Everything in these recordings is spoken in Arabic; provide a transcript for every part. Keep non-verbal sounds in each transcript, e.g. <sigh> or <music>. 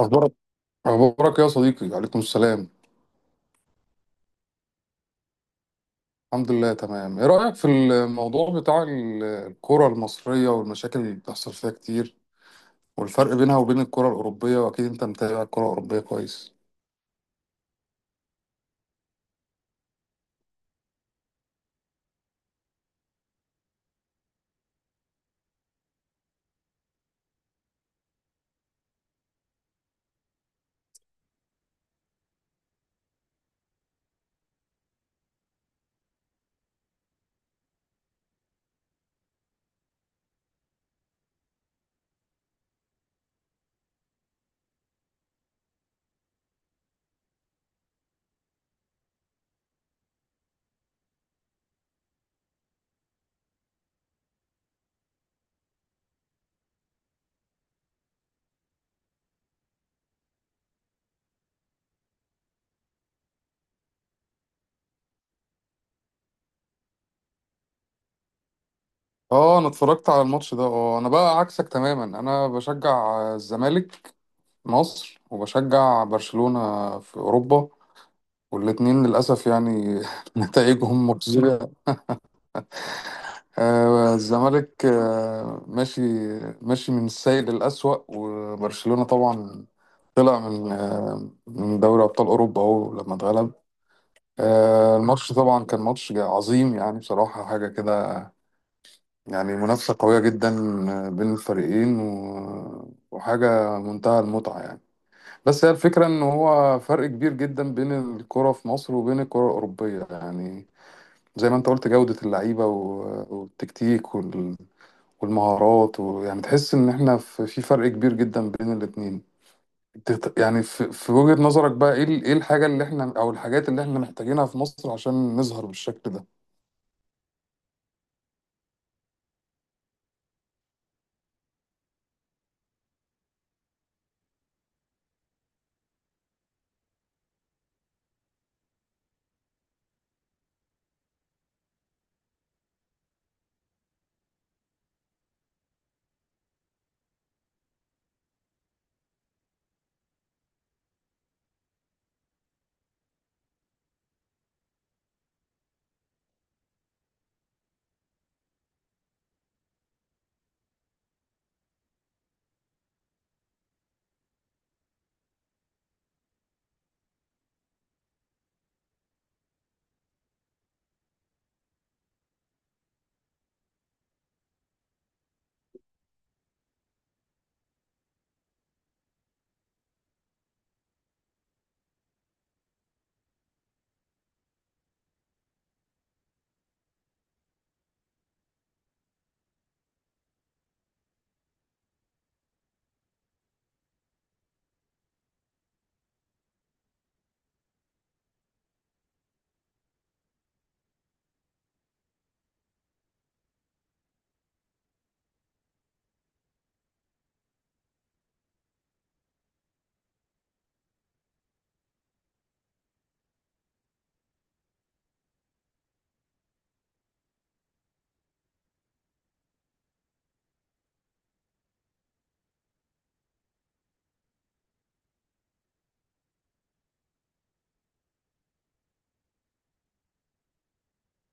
أخبارك أخبارك يا صديقي، عليكم السلام. الحمد لله تمام. إيه رأيك في الموضوع بتاع الكرة المصرية والمشاكل اللي بتحصل فيها كتير، والفرق بينها وبين الكرة الأوروبية؟ وأكيد أنت متابع الكرة الأوروبية كويس. آه، أنا اتفرجت على الماتش ده. أنا بقى عكسك تماما، أنا بشجع الزمالك مصر، وبشجع برشلونة في أوروبا. والاتنين للأسف يعني <laughs> نتائجهم مخزية. الزمالك ماشي ماشي من السيء للأسوأ. وبرشلونة طبعا طلع من دوري أبطال أوروبا أهو لما اتغلب. الماتش طبعا كان ماتش عظيم، يعني بصراحة حاجة كده، يعني منافسة قوية جدا بين الفريقين و- وحاجة منتهى المتعة يعني. بس هي الفكرة إن هو فرق كبير جدا بين الكرة في مصر وبين الكرة الأوروبية، يعني زي ما انت قلت جودة اللعيبة و- والتكتيك والمهارات، ويعني تحس ان احنا في فرق كبير جدا بين الاتنين. يعني في وجهة نظرك بقى ايه ايه الحاجة اللي احنا او الحاجات اللي احنا محتاجينها في مصر عشان نظهر بالشكل ده؟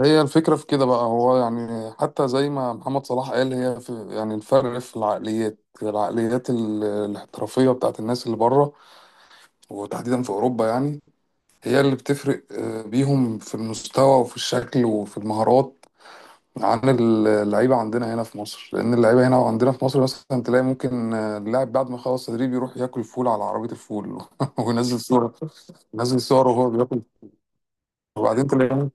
هي الفكرة في كده بقى، هو يعني حتى زي ما محمد صلاح قال، هي في يعني الفرق في العقليات، الاحترافية بتاعت الناس اللي بره، وتحديدا في أوروبا، يعني هي اللي بتفرق بيهم في المستوى وفي الشكل وفي المهارات عن اللعيبة عندنا هنا في مصر. لأن اللعيبة هنا عندنا في مصر مثلا تلاقي ممكن اللاعب بعد ما يخلص تدريب يروح ياكل فول على عربية الفول <laughs> وينزل صورة، ينزل صور وهو بياكل. وبعدين تلاقيهم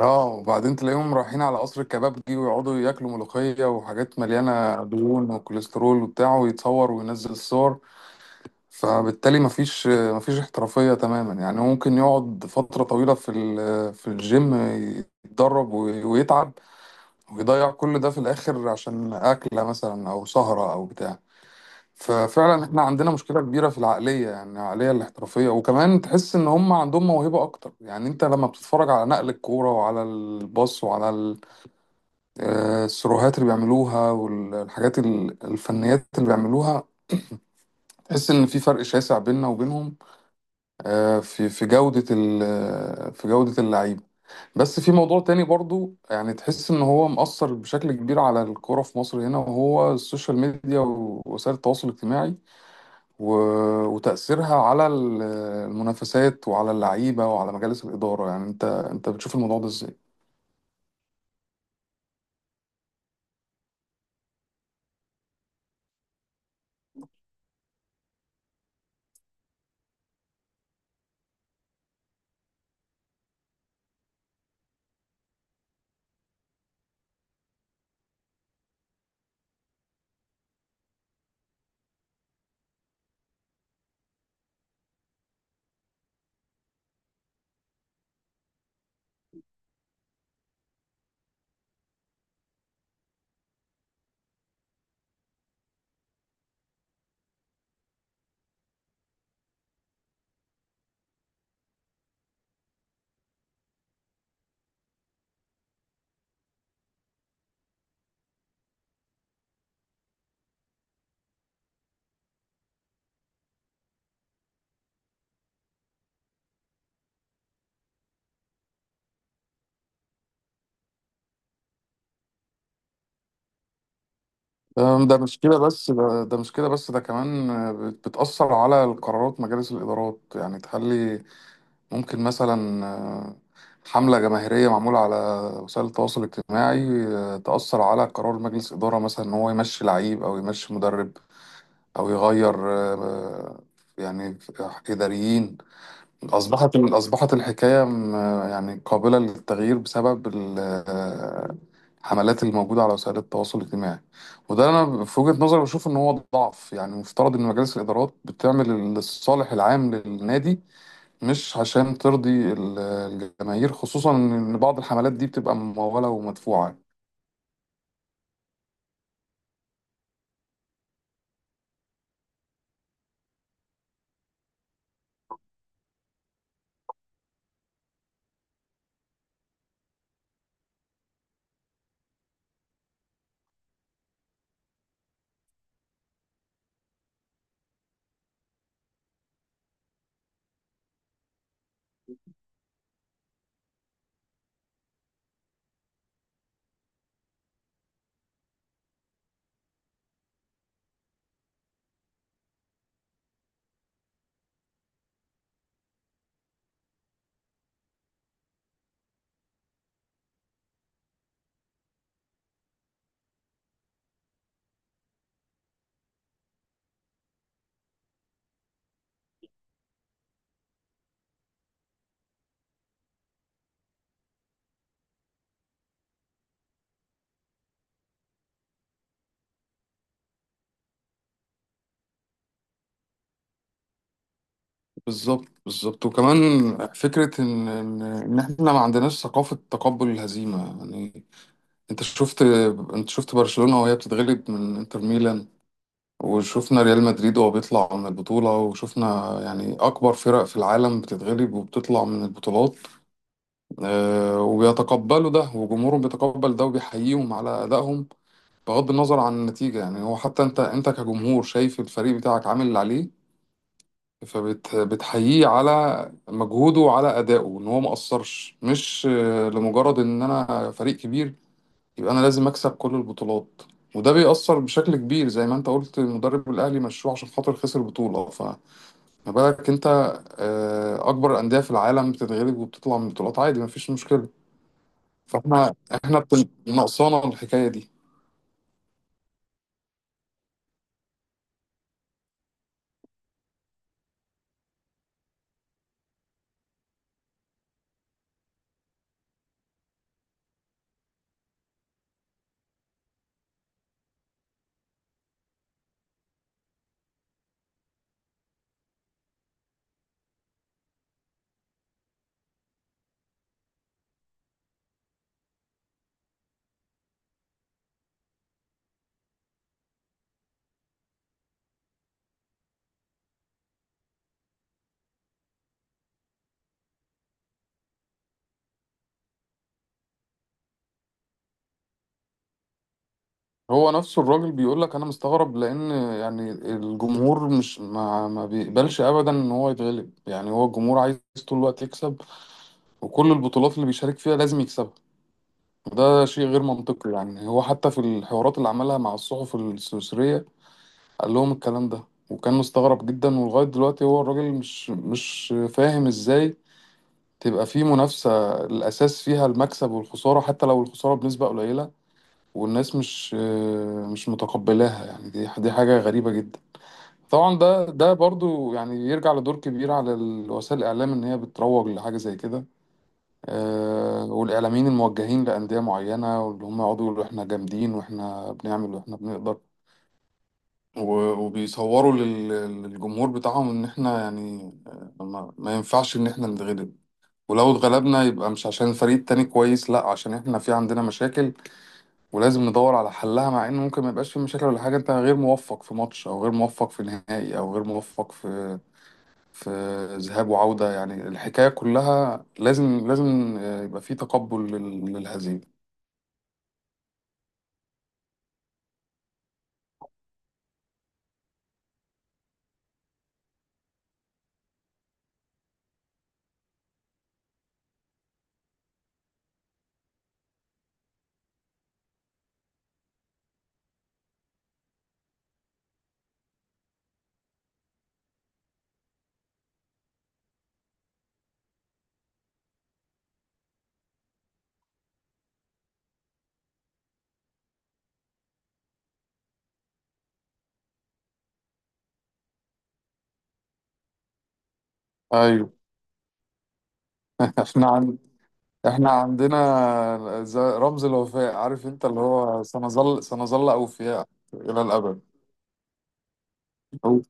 اه وبعدين تلاقيهم رايحين على قصر الكبابجي ويقعدوا ياكلوا ملوخية وحاجات مليانة دهون وكوليسترول وبتاع، ويتصور وينزل الصور. فبالتالي مفيش مفيش احترافية تماما، يعني هو ممكن يقعد فترة طويلة في الجيم، يتدرب ويتعب ويضيع كل ده في الآخر عشان أكلة مثلا أو سهرة أو بتاع. ففعلا احنا عندنا مشكلة كبيرة في العقلية، يعني العقلية الاحترافية. وكمان تحس إن هم عندهم موهبة أكتر، يعني أنت لما بتتفرج على نقل الكورة وعلى الباص وعلى السروهات اللي بيعملوها، والحاجات الفنيات اللي بيعملوها، تحس إن في فرق شاسع بيننا وبينهم في جودة اللعيبة. بس في موضوع تاني برضو، يعني تحس ان هو مأثر بشكل كبير على الكرة في مصر هنا، وهو السوشيال ميديا ووسائل التواصل الاجتماعي و... وتأثيرها على المنافسات وعلى اللعيبة وعلى مجالس الإدارة. يعني انت بتشوف الموضوع ده ازاي؟ ده مش كده بس، ده كمان بتأثر على قرارات مجالس الإدارات، يعني تخلي ممكن مثلا حملة جماهيرية معمولة على وسائل التواصل الاجتماعي تأثر على قرار مجلس إدارة مثلا إن هو يمشي لعيب أو يمشي مدرب أو يغير يعني إداريين. أصبحت الحكاية يعني قابلة للتغيير بسبب الحملات اللي موجودة على وسائل التواصل الاجتماعي. وده أنا في وجهة نظري بشوف إن هو ضعف، يعني مفترض إن مجالس الإدارات بتعمل الصالح العام للنادي، مش عشان ترضي الجماهير، خصوصا ان بعض الحملات دي بتبقى ممولة ومدفوعة. بالظبط، بالظبط. وكمان فكرة ان ان إن احنا ما عندناش ثقافة تقبل الهزيمة يعني. انت شفت انت شفت برشلونة وهي بتتغلب من انتر ميلان، وشفنا ريال مدريد وهو بيطلع من البطولة، وشفنا يعني أكبر فرق في العالم بتتغلب وبتطلع من البطولات وبيتقبلوا ده، وجمهورهم بيتقبل ده وبيحييهم على أدائهم بغض النظر عن النتيجة، يعني هو حتى انت كجمهور شايف الفريق بتاعك عامل اللي عليه، فبتحييه على مجهوده وعلى أدائه ان هو ما قصرش، مش لمجرد ان انا فريق كبير يبقى انا لازم اكسب كل البطولات. وده بيأثر بشكل كبير. زي ما انت قلت المدرب الاهلي مشوه عشان خاطر خسر بطولة، فما بالك انت اكبر الأندية في العالم بتتغلب وبتطلع من بطولات عادي مفيش مشكلة. فاحنا ناقصانا الحكاية دي. هو نفسه الراجل بيقول لك انا مستغرب، لان يعني الجمهور مش ما, ما بيقبلش ابدا ان هو يتغلب. يعني هو الجمهور عايز طول الوقت يكسب، وكل البطولات اللي بيشارك فيها لازم يكسبها، وده شيء غير منطقي. يعني هو حتى في الحوارات اللي عملها مع الصحف السويسرية قال لهم الكلام ده، وكان مستغرب جدا. ولغاية دلوقتي هو الراجل مش فاهم ازاي تبقى في منافسة الأساس فيها المكسب والخسارة، حتى لو الخسارة بنسبة قليلة والناس مش متقبلاها، يعني دي حاجة غريبة جدا. طبعا ده برضو يعني يرجع لدور كبير على وسائل الإعلام إن هي بتروج لحاجة زي كده والإعلاميين الموجهين لأندية معينة، واللي هم يقعدوا يقولوا إحنا جامدين وإحنا بنعمل وإحنا بنقدر، و- وبيصوروا لل- للجمهور بتاعهم إن إحنا يعني ما ينفعش إن إحنا نتغلب، ولو اتغلبنا يبقى مش عشان الفريق التاني كويس، لأ، عشان إحنا في عندنا مشاكل، ولازم ندور على حلها، مع ان ممكن ما يبقاش في مشاكل ولا حاجه، انت غير موفق في ماتش او غير موفق في نهائي او غير موفق في ذهاب وعوده. يعني الحكايه كلها لازم يبقى في تقبل لل- للهزيمه. ايوه. <laughs> احنا عن... احنا عندنا رمز الوفاء، عارف انت، اللي هو سنظل سنظل اوفياء الى الابد. أو-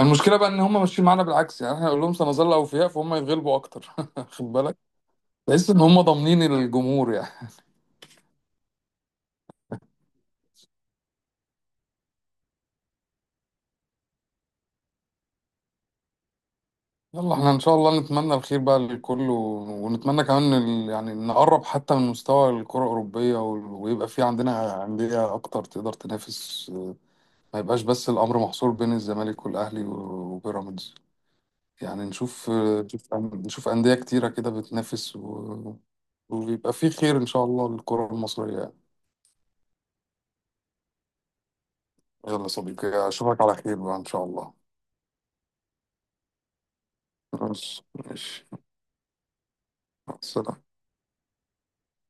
المشكله بقى ان هم ماشيين معانا بالعكس، يعني احنا نقول لهم سنظل اوفياء، فهم يتغلبوا اكتر. <laughs> خد بالك، تحس ان هم ضامنين الجمهور يعني. يلا، احنا ان شاء الله نتمنى الخير بقى للكل، و- ونتمنى كمان يعني نقرب حتى من مستوى الكرة الأوروبية، وال- ويبقى في عندنا أندية أكتر تقدر تنافس، ما يبقاش بس الأمر محصور بين الزمالك والأهلي و- وبيراميدز، يعني نشوف نشوف نشوف أندية كتيرة كده بتنافس، و- ويبقى في خير إن شاء الله للكرة المصرية يعني. يلا صديقي، أشوفك على خير بقى إن شاء الله. ماشي، ماشي. مع السلامة.